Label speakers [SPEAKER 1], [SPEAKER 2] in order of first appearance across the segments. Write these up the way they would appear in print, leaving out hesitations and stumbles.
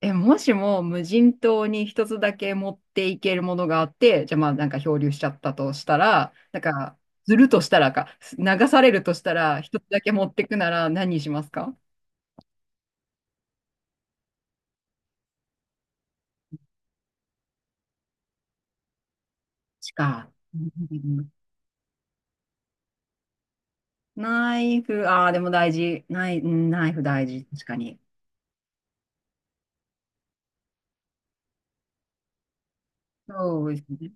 [SPEAKER 1] もしも無人島に一つだけ持っていけるものがあって、じゃあ漂流しちゃったとしたら、なんか、ずるとしたらか、流されるとしたら、一つだけ持ってくなら何にしますか。しか。うん、ナイフ、ああ、でも大事。うん、ナイフ大事。確かに。そうですね。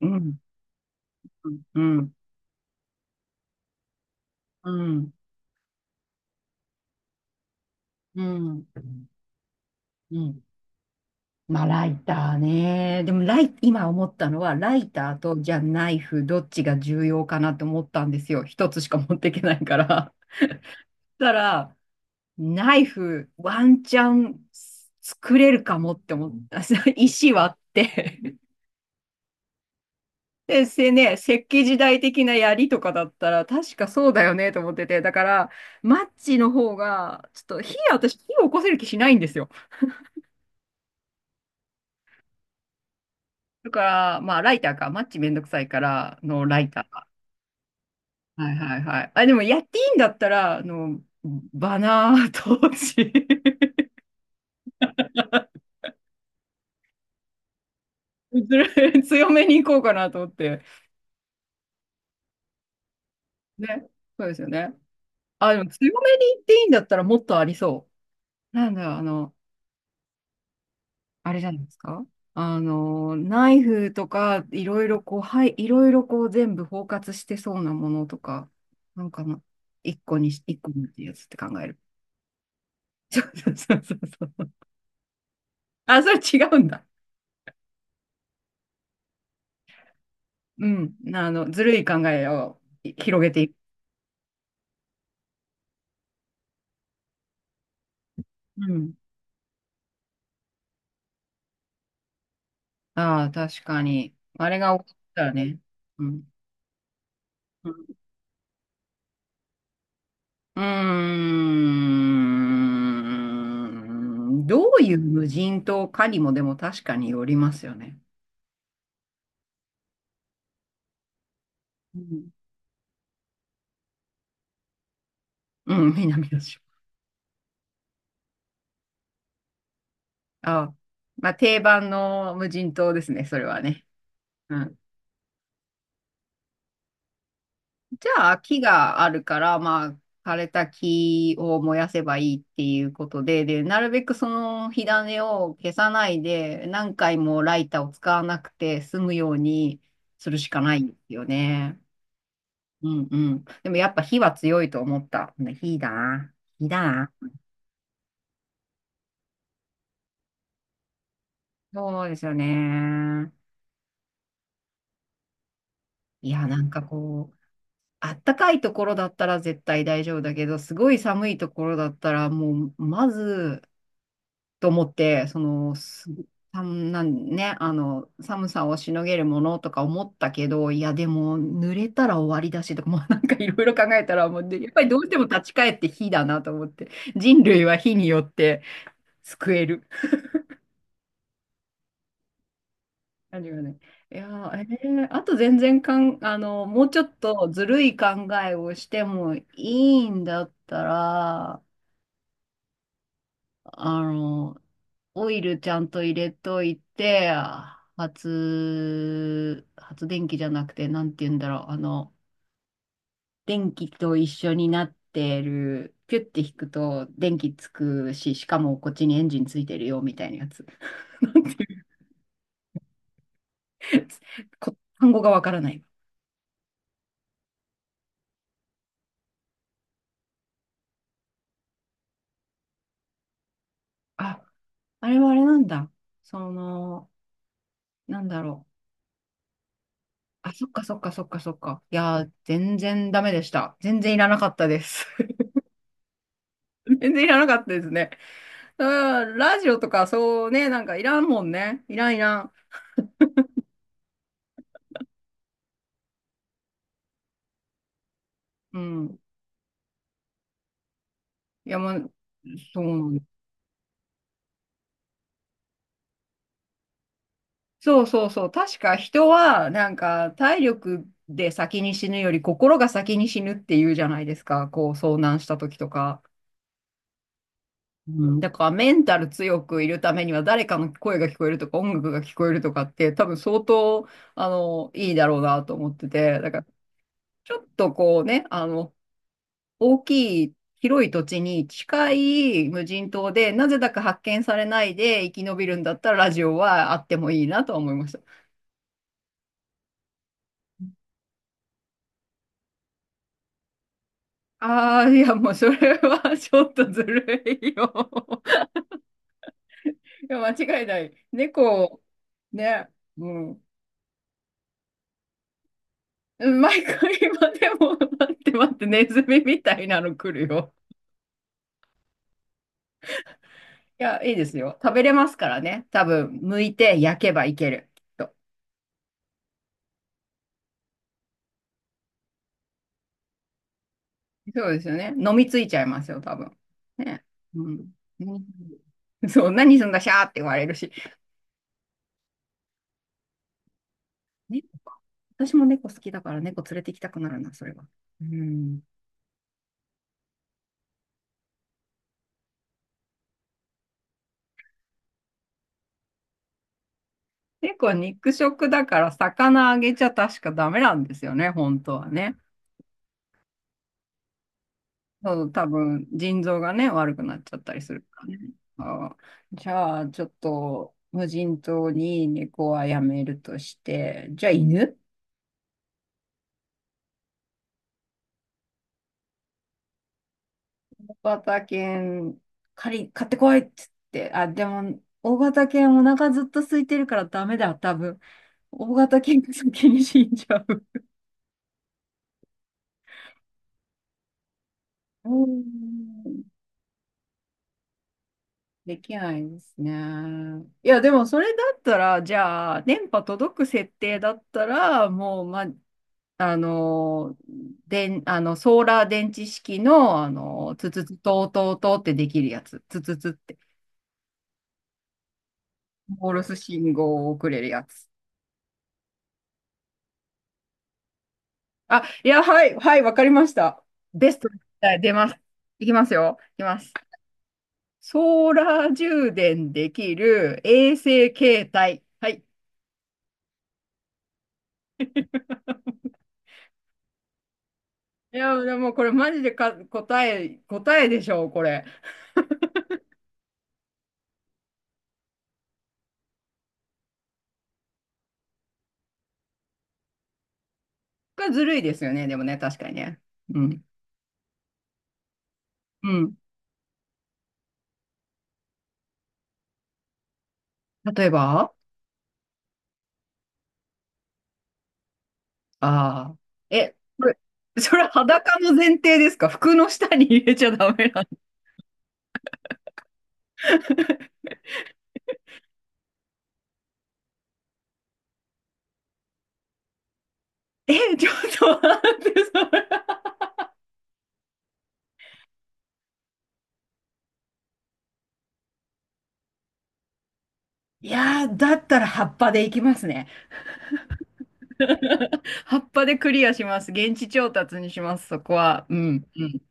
[SPEAKER 1] うん。うん。うん。うん。うん。うん。まあ、ライターね。でも今思ったのは、ライターと、じゃあナイフ、どっちが重要かなって思ったんですよ。一つしか持っていけないから。そしたら、ナイフ、ワンチャン作れるかもって思った。石割って。で、石器時代的な槍とかだったら、確かそうだよねと思ってて。だから、マッチの方が、ちょっと私、火を起こせる気しないんですよ。だから、まあ、ライターか、マッチめんどくさいからのライター。はいはいはい。あ、でもやっていいんだったら、バナー投資、 強めに行こうかなと思って。ね。そうですよね。あ、でも強めに行っていいんだったらもっとありそう。なんだろう、あれじゃないですか。あの、ナイフとか、いろいろこう、はい、いろいろこう全部包括してそうなものとか、なんかな、一個にってやつって考える。そうそうそうそう。あ、それ違うんだ。うん。あの、ずるい考えをい広げていく。うん。ああ、確かに。あれが起こったらね。うん。うん。うーん、どういう無人島かにもでも確かによりますよね。うん。うん、南の島。ああ。まあ、定番の無人島ですね、それはね。うん。じゃあ、木があるから、まあ、枯れた木を燃やせばいいっていうことで、で、なるべくその火種を消さないで、何回もライターを使わなくて済むようにするしかないんですよね。うんうん。でもやっぱ火は強いと思った。ね、火だな。火だな。そうですよね。いや、なんかこう、あったかいところだったら絶対大丈夫だけど、すごい寒いところだったら、もう、まず、と思って、その、すさんなんね、あの、寒さをしのげるものとか思ったけど、いや、でも、濡れたら終わりだしとか、もうなんかいろいろ考えたら、もう、でやっぱりどうしても立ち返って火だなと思って、人類は火によって救える感じがね。いやー、あと全然かん、あの、もうちょっとずるい考えをしてもいいんだったら、あの、オイルちゃんと入れといて、発電機じゃなくて、なんて言うんだろう、あの、電気と一緒になってる、ピュッて引くと電気つくし、しかもこっちにエンジンついてるよ、みたいなやつ。なんていう、こ単語がわからない。あ、あれはあれなんだ。その、なんだろう。あ、そっかそっかそっかそっか。いやー、全然ダメでした。全然いらなかったです。全然いらなかったですね。うん、ラジオとかそうね、なんかいらんもんね。いらんいらん。うん。いや、もう、そうなんだ、そうそうそう。確か人は、なんか体力で先に死ぬより心が先に死ぬっていうじゃないですか。こう遭難した時とか。うん、だからメンタル強くいるためには誰かの声が聞こえるとか音楽が聞こえるとかって多分相当あのいいだろうなと思ってて、だから、ちょっとこうね、あの、大きい広い土地に近い無人島で、なぜだか発見されないで生き延びるんだったらラジオはあってもいいなとは思いました。ああ、いやもうそれは ちょっとずるいよ。いや、間違いない。猫、ね、うん。毎回今でも、待って待って、ネズミみたいなの来るよ。いや、いいですよ。食べれますからね。多分、剥いて焼けばいける。きっとそうですよね。飲みついちゃいますよ、多分。ね。うん。うん、そう、何すんだ、シャーって言われるし。猫か。私も猫好きだから猫連れて行きたくなるな、それは。うん。猫は肉食だから魚あげちゃ確かダメなんですよね、本当はね。そう、多分腎臓がね、悪くなっちゃったりするからね。ああ、じゃあ、ちょっと無人島に猫はやめるとして、じゃあ犬、型犬、借り、買ってこいっつって。あ、でも、大型犬お腹ずっと空いてるからダメだ、多分。大型犬が先に死んじゃう。うん、できないですね。いや、でもそれだったら、じゃあ、電波届く設定だったら、もう、ま、あの、ソーラー電池式の、あの、つつつ、とうとうとうってできるやつ。つつつって。モールス信号を送れるやつ。あ、いや、はい、はい、わかりました。ベストです、はい、出ます。いきますよ。いきます。ソーラー充電できる衛星携帯。はい。いや、でもこれマジでか答え、答えでしょう、これ。これずるいですよね、でもね、確かにね。うん。うん。例えば、ああ、え、これ、それ裸の前提ですか、服の下に入れちゃダメなんだ。え、ちょっと待って、それ。いやー、だったら葉っぱでいきますね。葉っぱでクリアします。現地調達にします、そこは。うん、うん、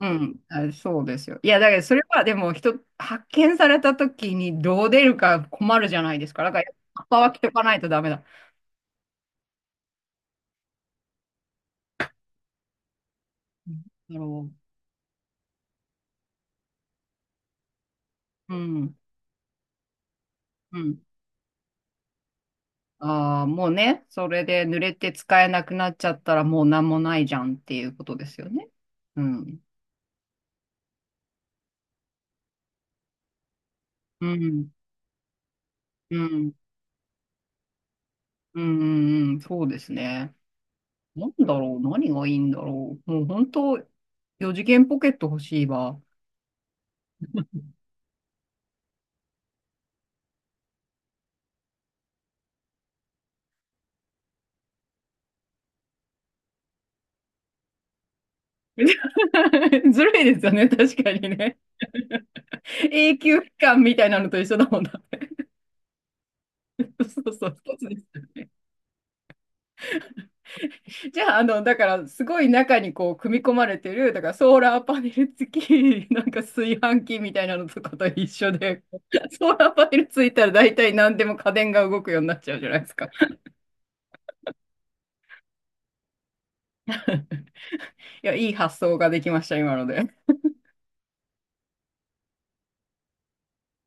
[SPEAKER 1] うん。あ、そうですよ。いや、だけど、それはでも、人、発見された時にどう出るか困るじゃないですか。だから、葉っぱは着とかないとダメだ。なるほど。うん、うん。ああ、もうね、それで濡れて使えなくなっちゃったら、もう何もないじゃんっていうことですよね。うん、うん、うん、うん、うん、うん、そうですね。なんだろう、何がいいんだろう。もう本当、4次元ポケット欲しいわ。ずるいですよね、確かにね。永久期間みたいなのと一緒だもんな。そうそう、一つです。じゃあ、あの、だから、すごい中にこう、組み込まれてる、だから、ソーラーパネル付き、なんか炊飯器みたいなのとかと一緒で、ソーラーパネルついたら大体何でも家電が動くようになっちゃうじゃないですか。いや、いい発想ができました、今ので。